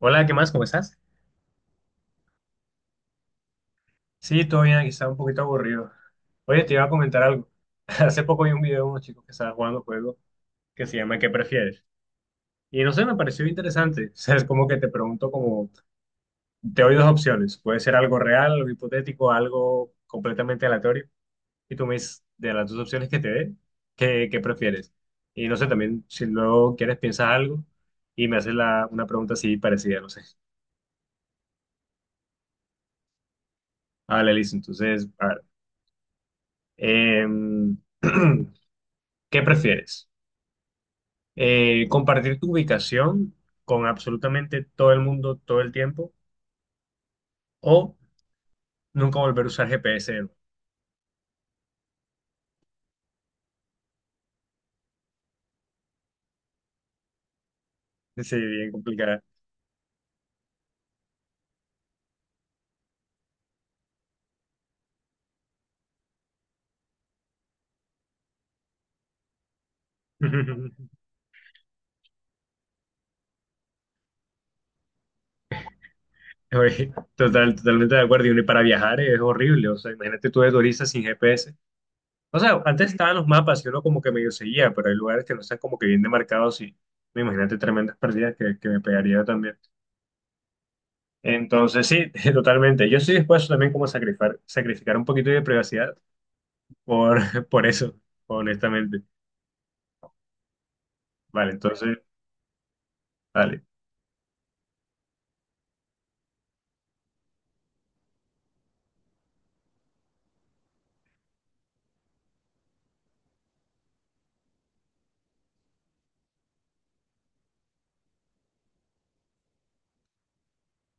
Hola, ¿qué más? ¿Cómo estás? Sí, todo bien, aquí estaba un poquito aburrido. Oye, te iba a comentar algo. Hace poco vi un video de unos chicos que estaban jugando un juego que se llama ¿Qué prefieres? Y no sé, me pareció interesante. O sea, es como que te pregunto como, te doy dos opciones. Puede ser algo real, algo hipotético, algo completamente aleatorio. Y tú me dices, de las dos opciones que te dé, ¿qué prefieres? Y no sé, también si luego quieres piensas algo y me haces una pregunta así parecida, no sé. Vale, listo. Entonces, a ver. Em, ¿Qué prefieres? ¿Compartir tu ubicación con absolutamente todo el mundo todo el tiempo o nunca volver a usar GPS de nuevo? Sí, bien complicada. Oye, totalmente de acuerdo. Y para viajar es horrible. O sea, imagínate tú de turista sin GPS. O sea, antes estaban los mapas y uno como que medio seguía, pero hay lugares que no están como que bien demarcados y me imagínate tremendas pérdidas que me pegaría también. Entonces, sí, totalmente. Yo estoy dispuesto también como a sacrificar un poquito de privacidad por, por eso, honestamente. Vale, entonces, vale.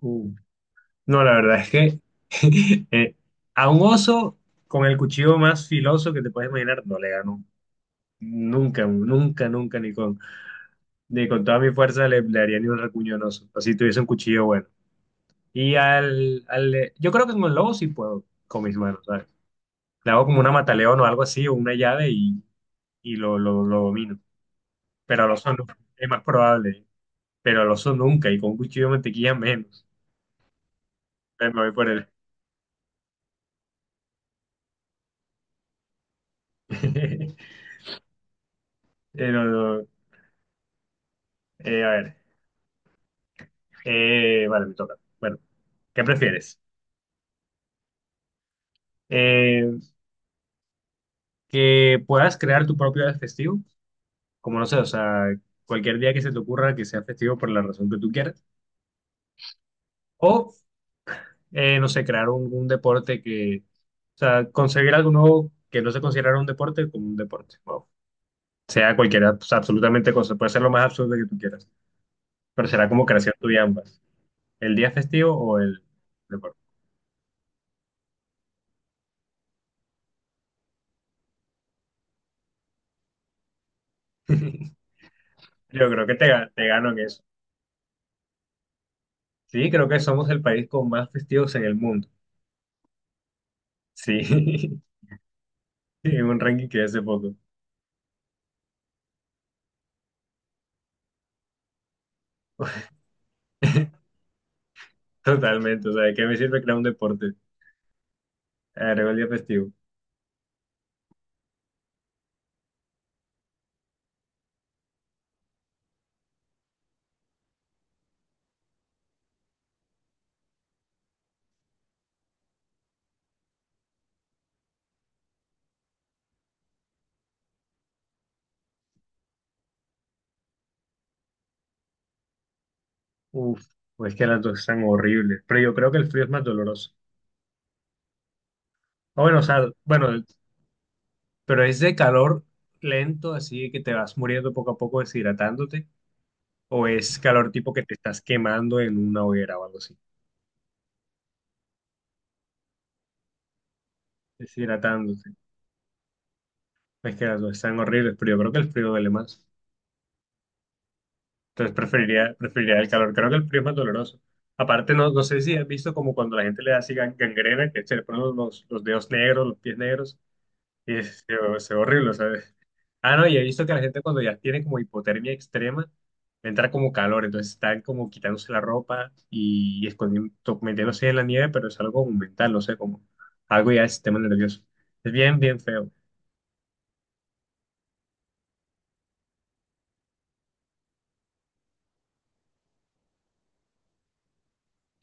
Uh, no, la verdad es que eh, a un oso con el cuchillo más filoso que te puedes imaginar, no le gano. Nunca, nunca, nunca, ni con toda mi fuerza le haría ni un recuño a un oso. Así tuviese un cuchillo bueno. Y yo creo que con el lobo sí puedo, con mis manos, ¿sabes? Le hago como una mataleón o algo así, o una llave y lo domino. Pero al oso no, es más probable. ¿Eh? Pero al oso nunca, y con un cuchillo de mantequilla menos. Me voy por él. No, no, a ver. Vale, me toca. Bueno, ¿qué prefieres? Eh, que puedas crear tu propio día festivo, como no sé, o sea, cualquier día que se te ocurra que sea festivo por la razón que tú quieras. O, no sé, crear un deporte que, o sea, conseguir algo nuevo que no se considerara un deporte como un deporte. Wow. Sea cualquiera, o sea, absolutamente cosa. Puede ser lo más absurdo que tú quieras, pero será como creación tuya ambas. ¿El día festivo o el deporte? Yo creo que te gano en eso. Sí, creo que somos el país con más festivos en el mundo. Sí, en un ranking que hace poco. Totalmente, o sea, ¿de qué me sirve crear un deporte? Agrego el día festivo. Uf, pues que las dos están horribles, pero yo creo que el frío es más doloroso. Ah, bueno, o sea, bueno, pero es de calor lento, así que te vas muriendo poco a poco deshidratándote, o es calor tipo que te estás quemando en una hoguera o algo así, deshidratándote. Es que las dos están horribles, pero yo creo que el frío duele más. Entonces preferiría el calor. Creo que el frío es más doloroso. Aparte, no, no sé si has visto como cuando la gente le da así gangrena, que se le ponen los dedos negros, los pies negros, y es, se ve horrible, ¿sabes? Ah, no, y he visto que la gente cuando ya tiene como hipotermia extrema, le entra como calor, entonces están como quitándose la ropa y escondiendo, metiéndose en la nieve, pero es algo mental, no sé, como algo ya del sistema nervioso. Es bien, bien feo.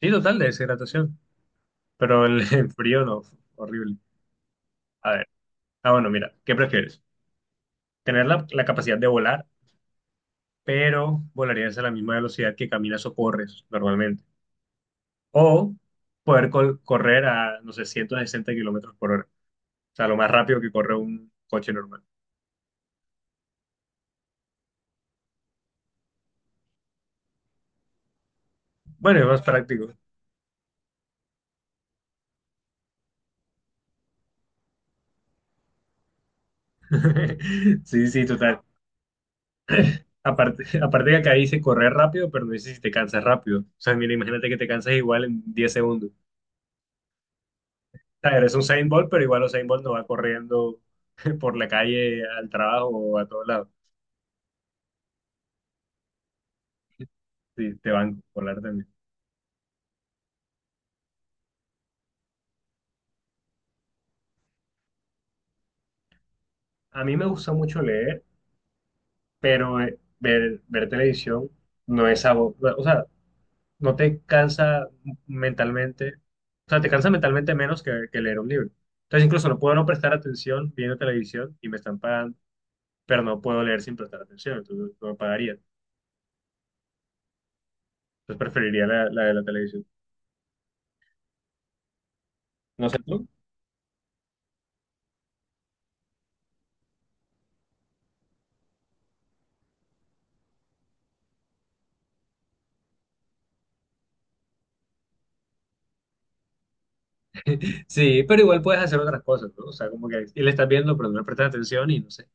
Sí, total, de deshidratación, pero el, el frío no, horrible. A ver, ah, bueno, mira, ¿qué prefieres? Tener la capacidad de volar, pero volarías a la misma velocidad que caminas o corres normalmente. O poder correr a, no sé, 160 kilómetros por hora. O sea, lo más rápido que corre un coche normal. Bueno, es más práctico. Sí, sí, total. Aparte, aparte que acá dice correr rápido, pero no dice si te cansas rápido. O sea, mira, imagínate que te cansas igual en 10 segundos. O sea, eres un Usain Bolt, pero igual Usain Bolt no va corriendo por la calle al trabajo o a todos lados. Sí, te van a volar también. A mí me gusta mucho leer, pero ver televisión no es algo, o sea, no te cansa mentalmente, o sea, te cansa mentalmente menos que leer un libro. Entonces incluso no puedo no prestar atención viendo televisión y me están pagando, pero no puedo leer sin prestar atención, entonces no me pagaría. Entonces preferiría la de la televisión. No sé tú. Sí, pero igual puedes hacer otras cosas, ¿no? O sea, como que y le estás viendo, pero no le prestas atención y no sé,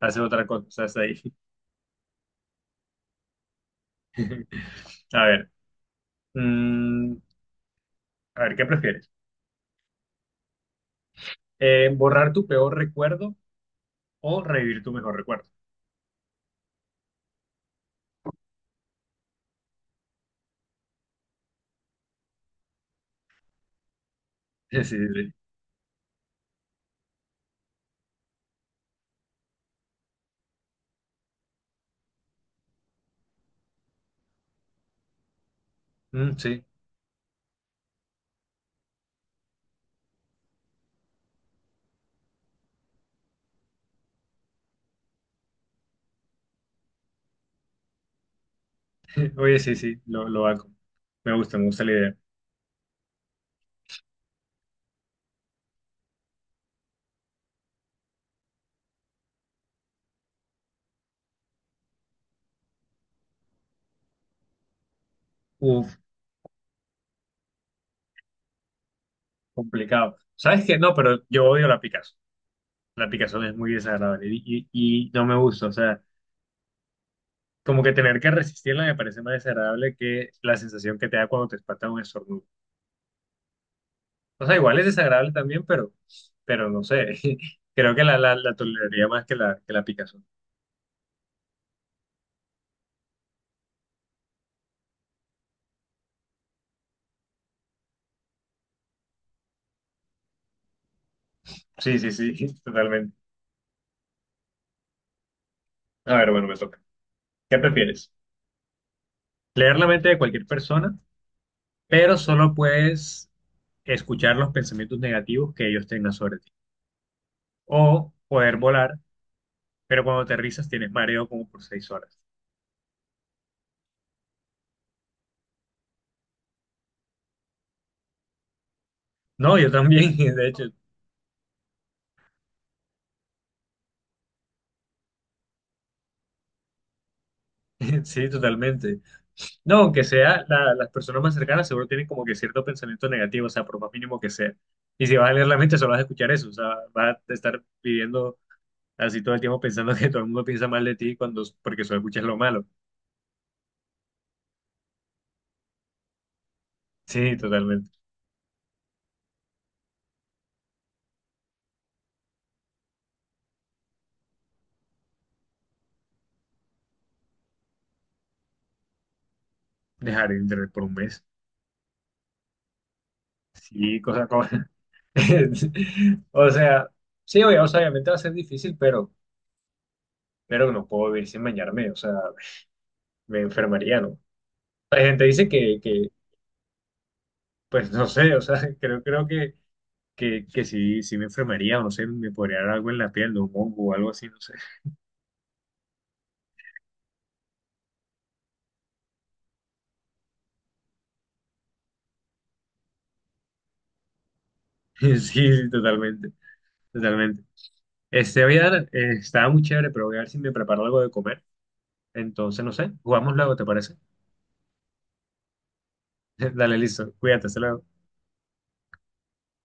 haces otra cosa, estás ahí. A ver, mm, a ver, ¿qué prefieres? Borrar tu peor recuerdo o revivir tu mejor recuerdo. Sí, sí, sí. Mm, sí. Oye, sí, sí, lo hago. Me gusta la idea. Uf, complicado. ¿Sabes qué? No, pero yo odio la picazón. La picazón es muy desagradable y no me gusta. O sea, como que tener que resistirla me parece más desagradable que la sensación que te da cuando te espanta un estornudo. O sea, igual es desagradable también, pero no sé. Creo que la toleraría más que que la picazón. Sí, sí, sí, totalmente. A ver, bueno, me toca. ¿Qué prefieres? Leer la mente de cualquier persona, pero solo puedes escuchar los pensamientos negativos que ellos tengan sobre ti. O poder volar, pero cuando aterrizas tienes mareo como por 6 horas. No, yo también, de hecho, sí, totalmente. No, aunque sea, las personas más cercanas seguro tienen como que cierto pensamiento negativo, o sea, por más mínimo que sea. Y si vas a leer la mente, solo vas a escuchar eso, o sea, vas a estar viviendo así todo el tiempo pensando que todo el mundo piensa mal de ti cuando, porque solo escuchas lo malo. Sí, totalmente. Dejar de internet por un mes. Sí, cosa como... O sea, sí, o sea, obviamente va a ser difícil, pero no puedo vivir sin bañarme, o sea, me enfermaría, ¿no? La gente dice que pues no sé, o sea, creo, creo que, que sí, sí me enfermaría, no sé, me podría dar algo en la piel, ¿no? Un hongo o algo así, no sé. Sí, sí, totalmente, totalmente. Este, voy a dar, estaba muy chévere, pero voy a ver si me preparo algo de comer. Entonces, no sé, jugamos luego, ¿te parece? Dale, listo, cuídate, hasta luego.